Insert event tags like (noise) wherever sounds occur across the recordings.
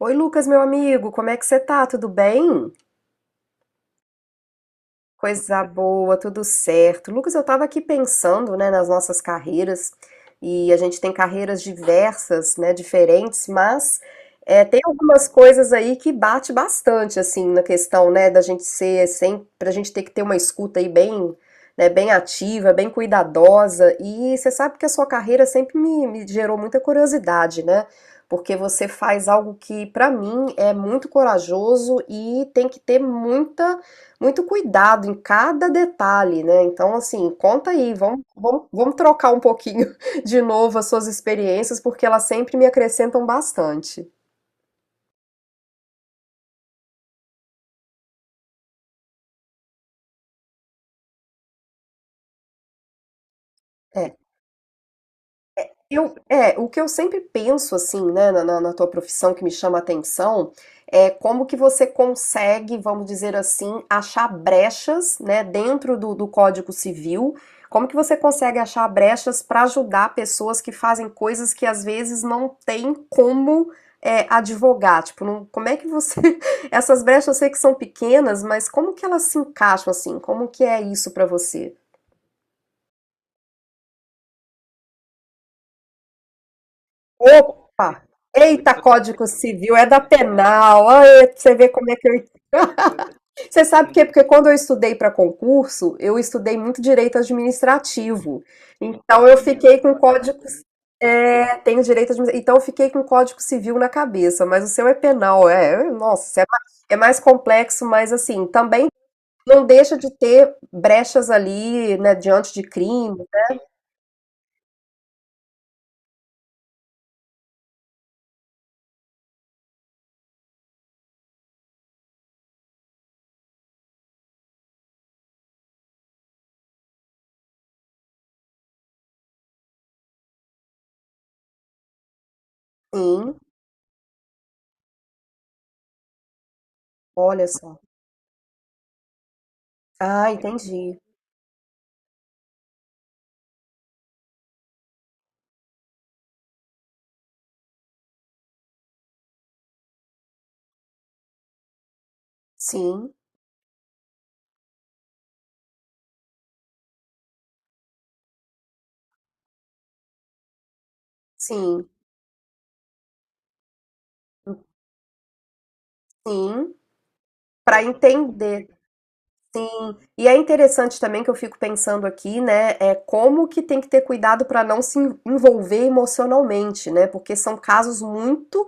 Oi, Lucas, meu amigo, como é que você tá? Tudo bem? Coisa boa, tudo certo. Lucas, eu estava aqui pensando, né, nas nossas carreiras, e a gente tem carreiras diversas, né, diferentes, mas tem algumas coisas aí que bate bastante, assim, na questão, né, da gente ser sempre, pra gente ter que ter uma escuta aí bem, né, bem ativa, bem cuidadosa, e você sabe que a sua carreira sempre me gerou muita curiosidade, né, porque você faz algo que, pra mim, é muito corajoso e tem que ter muita muito cuidado em cada detalhe, né, então assim, conta aí, vamos trocar um pouquinho (laughs) de novo as suas experiências, porque elas sempre me acrescentam bastante. É. O que eu sempre penso, assim, né, na tua profissão que me chama a atenção, é como que você consegue, vamos dizer assim, achar brechas, né, dentro do Código Civil, como que você consegue achar brechas para ajudar pessoas que fazem coisas que às vezes não tem como advogar, tipo, como é que você, (laughs) essas brechas eu sei que são pequenas, mas como que elas se encaixam, assim, como que é isso para você? Opa! Eita, Código Civil, é da penal. Ai, você vê como é que eu. Você sabe por quê? Porque quando eu estudei para concurso, eu estudei muito direito administrativo. Então eu fiquei com código. É, tenho direito administrativo. Então eu fiquei com código civil na cabeça, mas o seu é penal, Nossa, é mais complexo, mas assim, também não deixa de ter brechas ali, né, diante de crime. Sim, olha só. Ah, entendi. Sim, sim, sim. Para entender, sim. E é interessante também que eu fico pensando aqui, né, é como que tem que ter cuidado para não se envolver emocionalmente, né? Porque são casos muito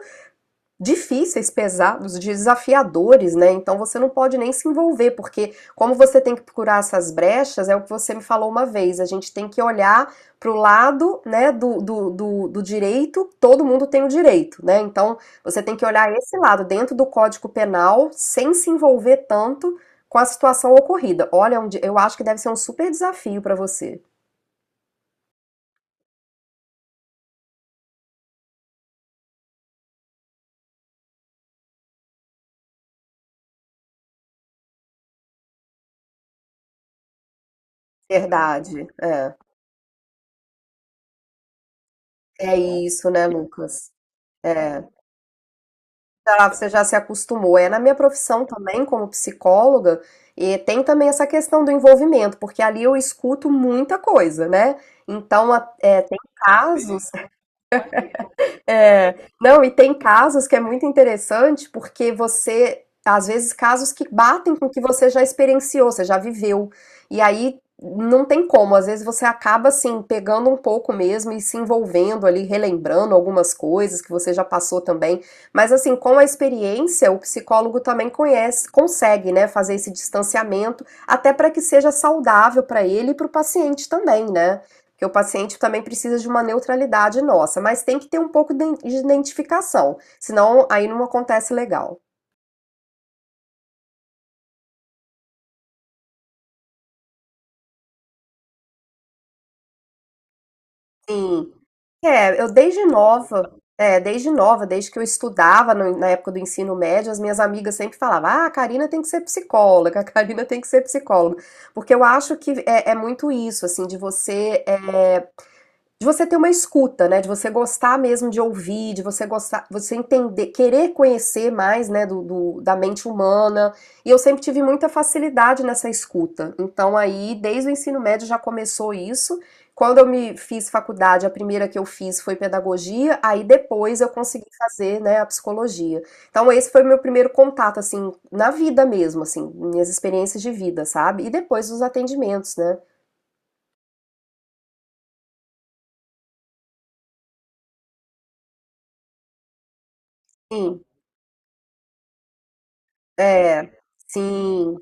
difíceis, pesados, desafiadores, né? Então você não pode nem se envolver, porque como você tem que procurar essas brechas, é o que você me falou uma vez, a gente tem que olhar pro lado né, do direito, todo mundo tem o direito, né? Então você tem que olhar esse lado dentro do Código Penal, sem se envolver tanto com a situação ocorrida. Olha, é um eu acho que deve ser um super desafio para você. Verdade. É, é isso, né, Lucas? É. Já, você já se acostumou. É na minha profissão também, como psicóloga, e tem também essa questão do envolvimento, porque ali eu escuto muita coisa, né? Então, tem casos é, não, e tem casos que é muito interessante porque você, às vezes, casos que batem com o que você já experienciou, você já viveu. E aí não tem como, às vezes você acaba assim pegando um pouco mesmo e se envolvendo ali, relembrando algumas coisas que você já passou também. Mas assim, com a experiência, o psicólogo também conhece, consegue, né, fazer esse distanciamento, até para que seja saudável para ele e para o paciente também, né? Porque o paciente também precisa de uma neutralidade nossa, mas tem que ter um pouco de identificação, senão aí não acontece legal. Sim. Eu desde nova, desde nova, desde que eu estudava na época do ensino médio, as minhas amigas sempre falavam: ah, a Karina tem que ser psicóloga, a Karina tem que ser psicóloga. Porque eu acho que é muito isso, assim, de você. De você ter uma escuta, né, de você gostar mesmo de ouvir, de você gostar, você entender, querer conhecer mais, né, da mente humana. E eu sempre tive muita facilidade nessa escuta. Então aí, desde o ensino médio já começou isso. Quando eu me fiz faculdade, a primeira que eu fiz foi pedagogia, aí depois eu consegui fazer, né, a psicologia. Então esse foi o meu primeiro contato assim, na vida mesmo, assim, minhas experiências de vida, sabe? E depois os atendimentos, né? Sim, é, sim,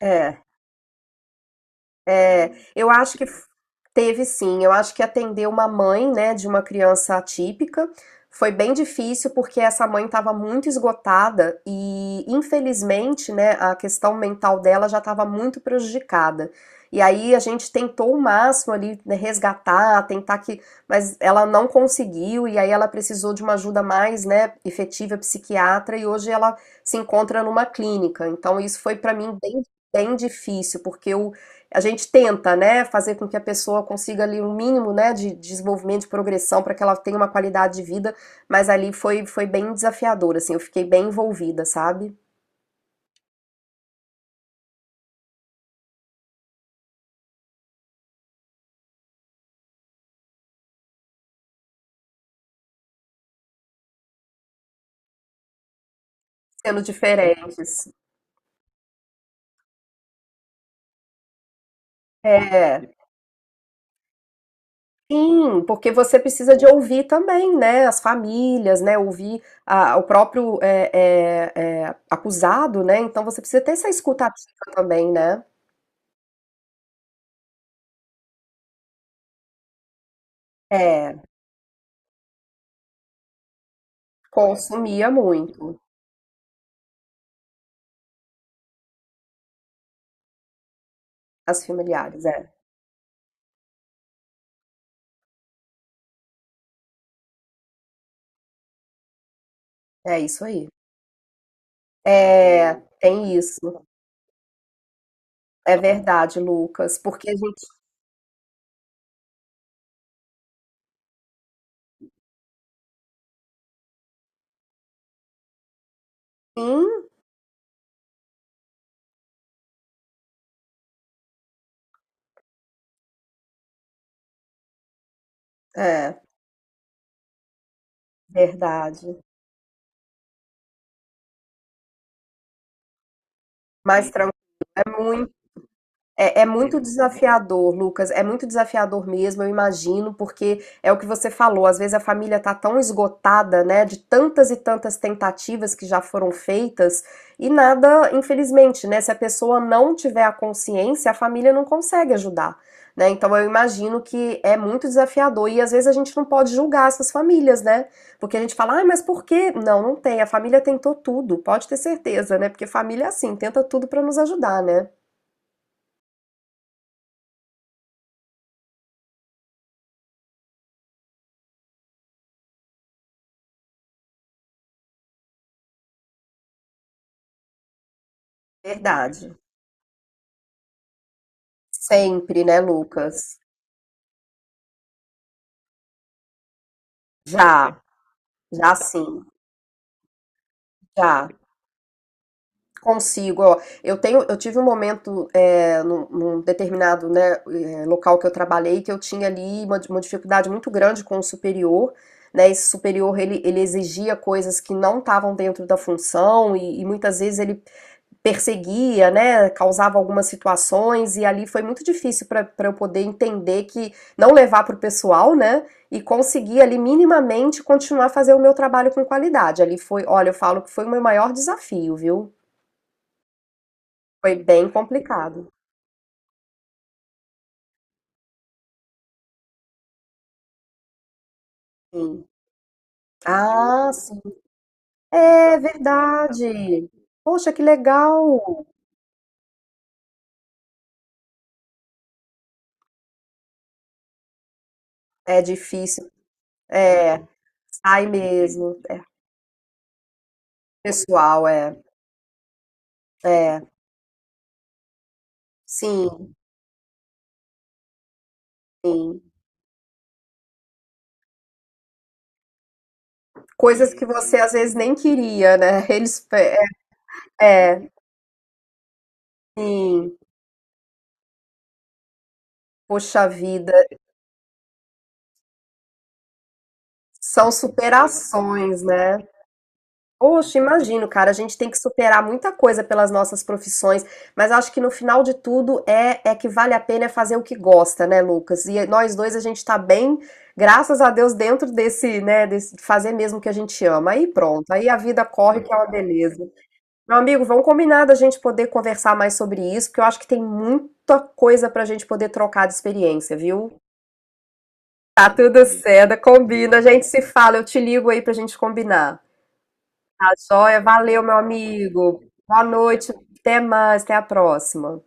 é. É, eu acho que teve sim. Eu acho que atender uma mãe, né, de uma criança atípica foi bem difícil porque essa mãe estava muito esgotada e, infelizmente, né, a questão mental dela já estava muito prejudicada. E aí a gente tentou o máximo ali né, resgatar, tentar que, mas ela não conseguiu e aí ela precisou de uma ajuda mais, né, efetiva psiquiatra e hoje ela se encontra numa clínica. Então isso foi para mim bem, bem difícil porque eu a gente tenta, né, fazer com que a pessoa consiga ali um mínimo, né, de desenvolvimento, de progressão, para que ela tenha uma qualidade de vida, mas ali foi bem desafiador, assim, eu fiquei bem envolvida, sabe? Sendo diferentes. É, sim, porque você precisa de ouvir também, né, as famílias, né, ouvir a- o próprio é, é, é, acusado, né, então você precisa ter essa escutativa também, né? É, consumia muito as familiares, é, é isso aí. É, tem isso. É verdade, Lucas, porque a gente sim, é verdade, mais tranquilo, é muito é, é muito desafiador, Lucas. É muito desafiador mesmo, eu imagino, porque é o que você falou. Às vezes a família tá tão esgotada, né, de tantas e tantas tentativas que já foram feitas e nada, infelizmente, né, se a pessoa não tiver a consciência, a família não consegue ajudar, né? Então eu imagino que é muito desafiador e às vezes a gente não pode julgar essas famílias, né? Porque a gente fala, ah, mas por quê? Não, não tem. A família tentou tudo, pode ter certeza, né? Porque família é assim, tenta tudo para nos ajudar, né? Verdade. Sempre, né, Lucas? Já, já sim, já. Consigo, ó. Eu tive um momento num determinado, né, local que eu trabalhei que eu tinha ali uma dificuldade muito grande com o superior, né? Esse superior ele exigia coisas que não estavam dentro da função e muitas vezes ele perseguia, né, causava algumas situações e ali foi muito difícil para eu poder entender que não levar para o pessoal, né, e conseguir ali minimamente continuar a fazer o meu trabalho com qualidade. Ali foi, olha, eu falo que foi o meu maior desafio, viu? Foi bem complicado. Sim. Ah, sim. É verdade. Poxa, que legal. É difícil. É, sai mesmo. Pessoal, é. É. Sim, sim. Coisas que você às vezes nem queria, né? Eles, é, é, sim, poxa vida, são superações, né? Poxa, imagino, cara, a gente tem que superar muita coisa pelas nossas profissões, mas acho que no final de tudo é que vale a pena é fazer o que gosta, né, Lucas? E nós dois a gente tá bem, graças a Deus, dentro desse, né, desse fazer mesmo o que a gente ama. Aí pronto, aí a vida corre que é uma beleza. Meu amigo, vamos combinar da gente poder conversar mais sobre isso, porque eu acho que tem muita coisa pra gente poder trocar de experiência, viu? Tá tudo certo, combina, a gente se fala, eu te ligo aí pra gente combinar. Tá joia? Valeu, meu amigo. Boa noite, até mais, até a próxima.